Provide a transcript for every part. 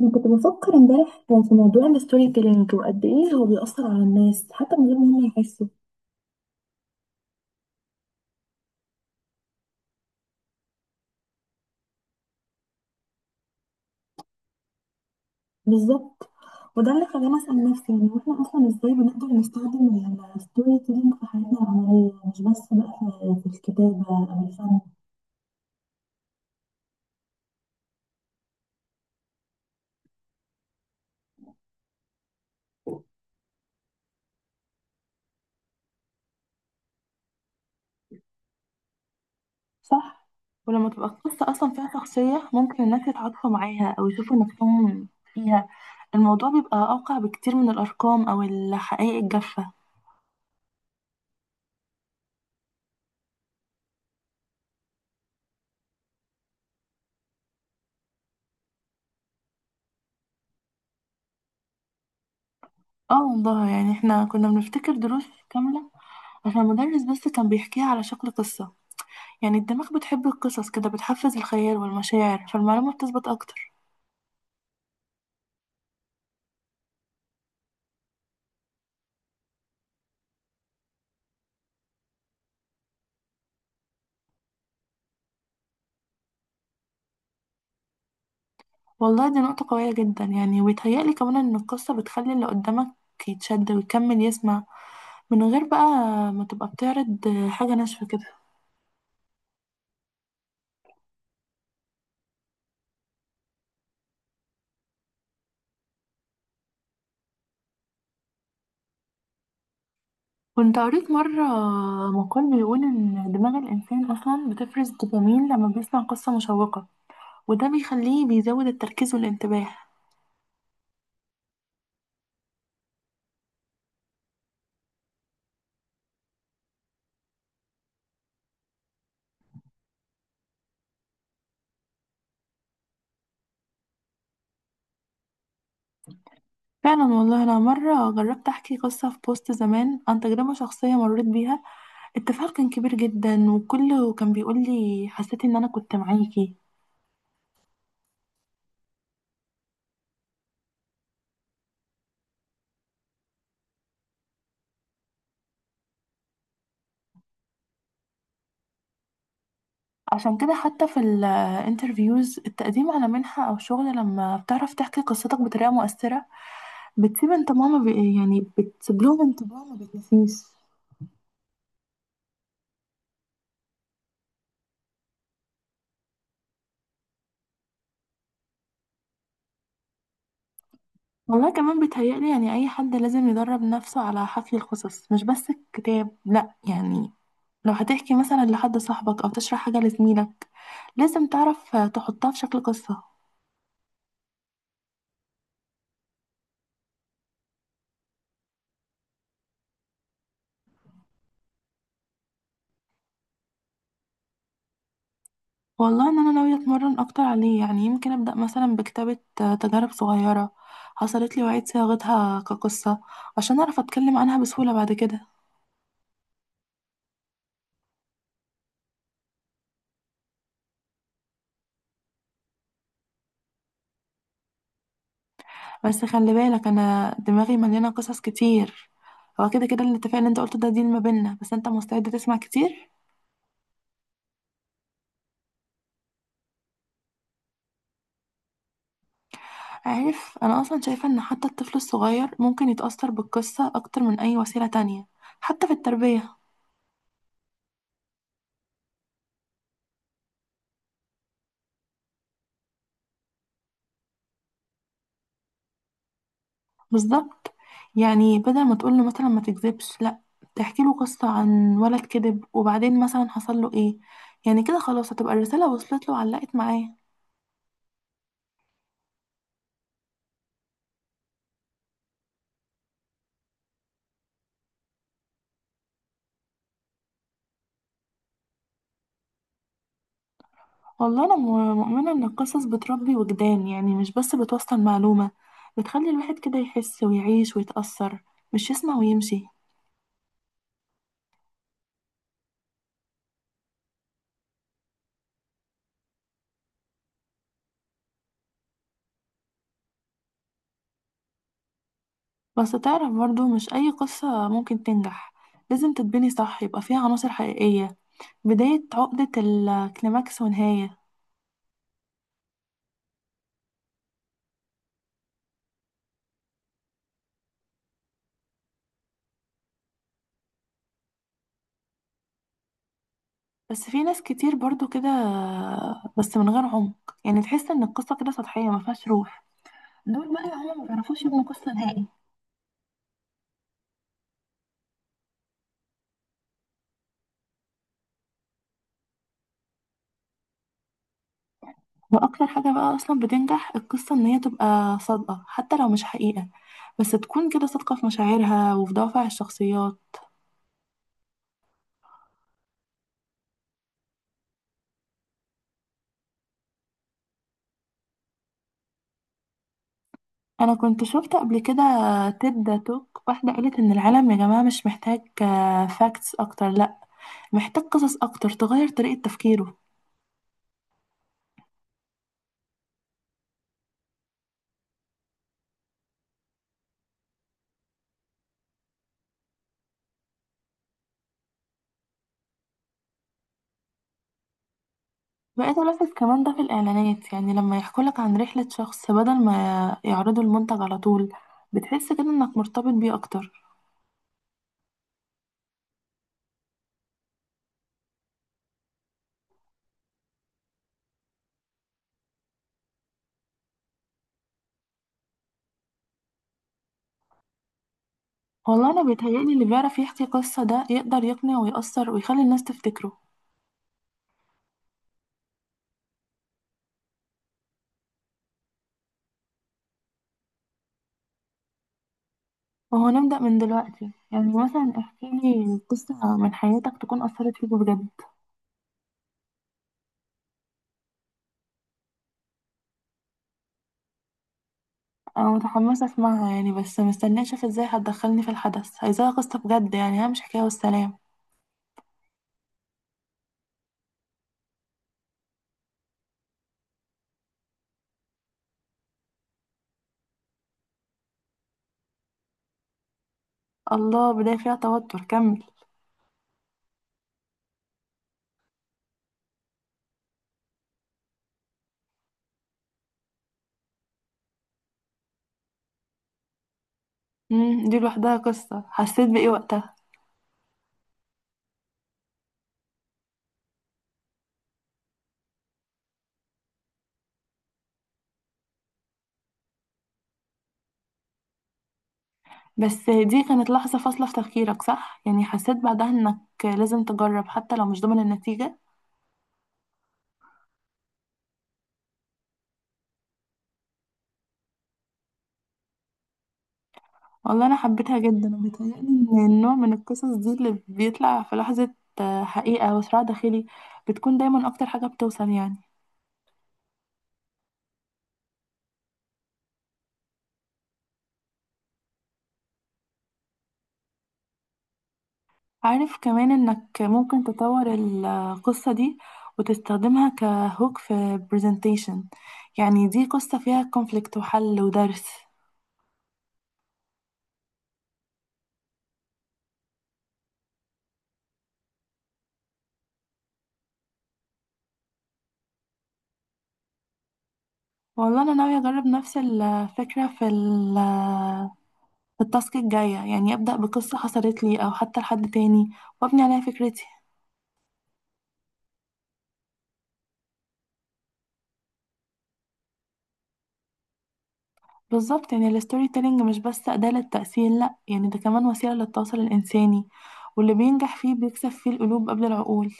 انا كنت بفكر امبارح في موضوع الستوري تيلينج وقد ايه هو بيأثر على الناس حتى من غير ما هم يحسوا. بالظبط، وده اللي خلاني اسأل نفسي، يعني واحنا اصلا ازاي بنقدر نستخدم الستوري تيلينج في حياتنا العملية، مش بس بقى في الكتابة او الفن. صح، ولما تبقى القصة أصلا فيها شخصية ممكن الناس يتعاطفوا معاها أو يشوفوا نفسهم فيها، الموضوع بيبقى أوقع بكتير من الأرقام أو الحقائق الجافة. اه والله، يعني احنا كنا بنفتكر دروس كاملة فالمدرس بس كان بيحكيها على شكل قصة. يعني الدماغ بتحب القصص كده، بتحفز الخيال والمشاعر فالمعلومة بتثبت أكتر. والله دي نقطة قوية جدا، يعني ويتهيألي كمان إن القصة بتخلي اللي قدامك يتشد ويكمل يسمع، من غير بقى ما تبقى بتعرض حاجة ناشفة كده. كنت قريت مرة مقال بيقول إن دماغ الإنسان أصلا بتفرز دوبامين لما بيسمع قصة مشوقة، وده بيخليه بيزود التركيز والانتباه. فعلا والله، أنا مرة جربت أحكي قصة في بوست زمان عن تجربة شخصية مريت بيها، التفاعل كان كبير جدا وكله كان بيقول لي حسيت إن أنا كنت معاكي. عشان كده حتى في الانترفيوز، التقديم على منحة أو شغل، لما بتعرف تحكي قصتك بطريقة مؤثرة بتسيب انطباع ما بي... يعني بتسيب لهم انطباع ما بيتنسيش. والله كمان بيتهيألي، يعني أي حد لازم يدرب نفسه على حكي القصص، مش بس الكتاب لأ، يعني لو هتحكي مثلا لحد صاحبك أو تشرح حاجة لزميلك، لازم تعرف تحطها في شكل قصة. والله إن أنا ناوية أتمرن أكتر عليه، يعني يمكن أبدأ مثلا بكتابة تجارب صغيرة حصلت لي وعيد صياغتها كقصة، عشان أعرف أتكلم عنها بسهولة بعد كده. بس خلي بالك، أنا دماغي مليانة قصص كتير. هو كده كده الاتفاق اللي انت قلته ده ديل ما بينا، بس انت مستعد تسمع كتير. عارف، انا اصلا شايفة ان حتى الطفل الصغير ممكن يتأثر بالقصة اكتر من اي وسيلة تانية، حتى في التربية. بالظبط، يعني بدل ما تقول له مثلا ما تكذبش، لا، تحكي له قصة عن ولد كذب وبعدين مثلا حصل له ايه. يعني كده خلاص هتبقى الرسالة وصلت له وعلقت معاه. والله انا مؤمنة ان القصص بتربي وجدان، يعني مش بس بتوصل معلومة، بتخلي الواحد كده يحس ويعيش ويتأثر، مش يسمع ويمشي. بس تعرف برضو مش اي قصة ممكن تنجح، لازم تتبني صح، يبقى فيها عناصر حقيقية، بداية، عقدة، الكليماكس ونهاية. بس في ناس كتير برضو كده، بس من غير عمق، يعني تحس ان القصه كده سطحيه ما فيهاش روح. دول بقى هما ما بيعرفوش يبنوا قصه نهائي. واكتر حاجه بقى اصلا بتنجح القصه ان هي تبقى صادقه، حتى لو مش حقيقه، بس تكون كده صادقه في مشاعرها وفي دوافع الشخصيات. انا كنت شفت قبل كده تيد توك، واحده قالت ان العالم يا جماعه مش محتاج فاكتس اكتر، لا، محتاج قصص اكتر تغير طريقه تفكيره. بقيت ألاحظ كمان ده في الإعلانات، يعني لما يحكوا لك عن رحلة شخص بدل ما يعرضوا المنتج على طول، بتحس كده إنك مرتبط بيه أكتر. والله أنا بيتهيألي اللي بيعرف يحكي قصة ده يقدر يقنع ويأثر ويخلي الناس تفتكره. وهو نبدأ من دلوقتي، يعني مثلا احكيلي قصة من حياتك تكون أثرت فيك بجد. أنا متحمسة أسمعها، يعني بس مستنية أشوف إزاي هتدخلني في الحدث، عايزاها قصة بجد يعني، ها، مش حكاية والسلام. الله، بداية فيها توتر، كمل. مم، دي لوحدها قصة، حسيت بإيه وقتها؟ بس دي كانت لحظة فاصلة في تفكيرك صح؟ يعني حسيت بعدها انك لازم تجرب حتى لو مش ضامن النتيجة. والله انا حبيتها جدا، وبيتهيألي ان النوع من القصص دي اللي بيطلع في لحظة حقيقة وصراع داخلي، بتكون دايما اكتر حاجة بتوصل يعني. عارف كمان انك ممكن تطور القصة دي وتستخدمها كهوك في برزنتيشن، يعني دي قصة فيها كونفليكت وحل ودرس. والله انا ناوية اجرب نفس الفكرة في التاسك الجاية، يعني أبدأ بقصة حصلت لي أو حتى لحد تاني وأبني عليها فكرتي. بالظبط، يعني الستوري تيلينج مش بس أداة للتأثير، لأ، يعني ده كمان وسيلة للتواصل الإنساني، واللي بينجح فيه بيكسب فيه القلوب قبل العقول.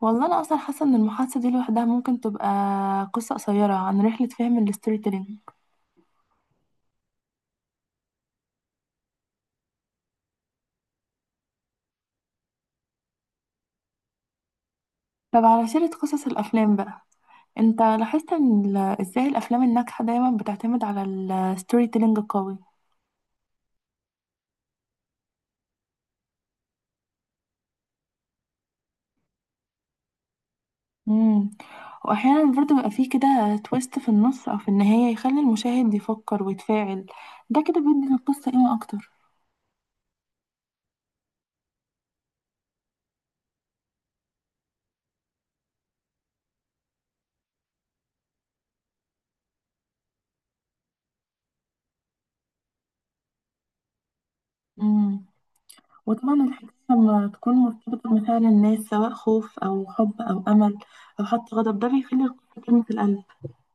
والله أنا أصلا حاسة إن المحادثة دي لوحدها ممكن تبقى قصة قصيرة عن رحلة فهم الستوري تيلينج. طب على سيرة قصص الأفلام بقى، أنت لاحظت إزاي الأفلام الناجحة دايما بتعتمد على الستوري تيلينج القوي؟ مم. واحيانا برضه بيبقى فيه كده تويست في النص او في النهايه يخلي المشاهد يفكر ويتفاعل، ده كده بيدي للقصه قيمه اكتر. مم. وطبعا الحكايه لما تكون مرتبطه بمشاعر الناس، سواء خوف او حب او امل او حتى غضب، ده بيخلي القصه كلمه القلب.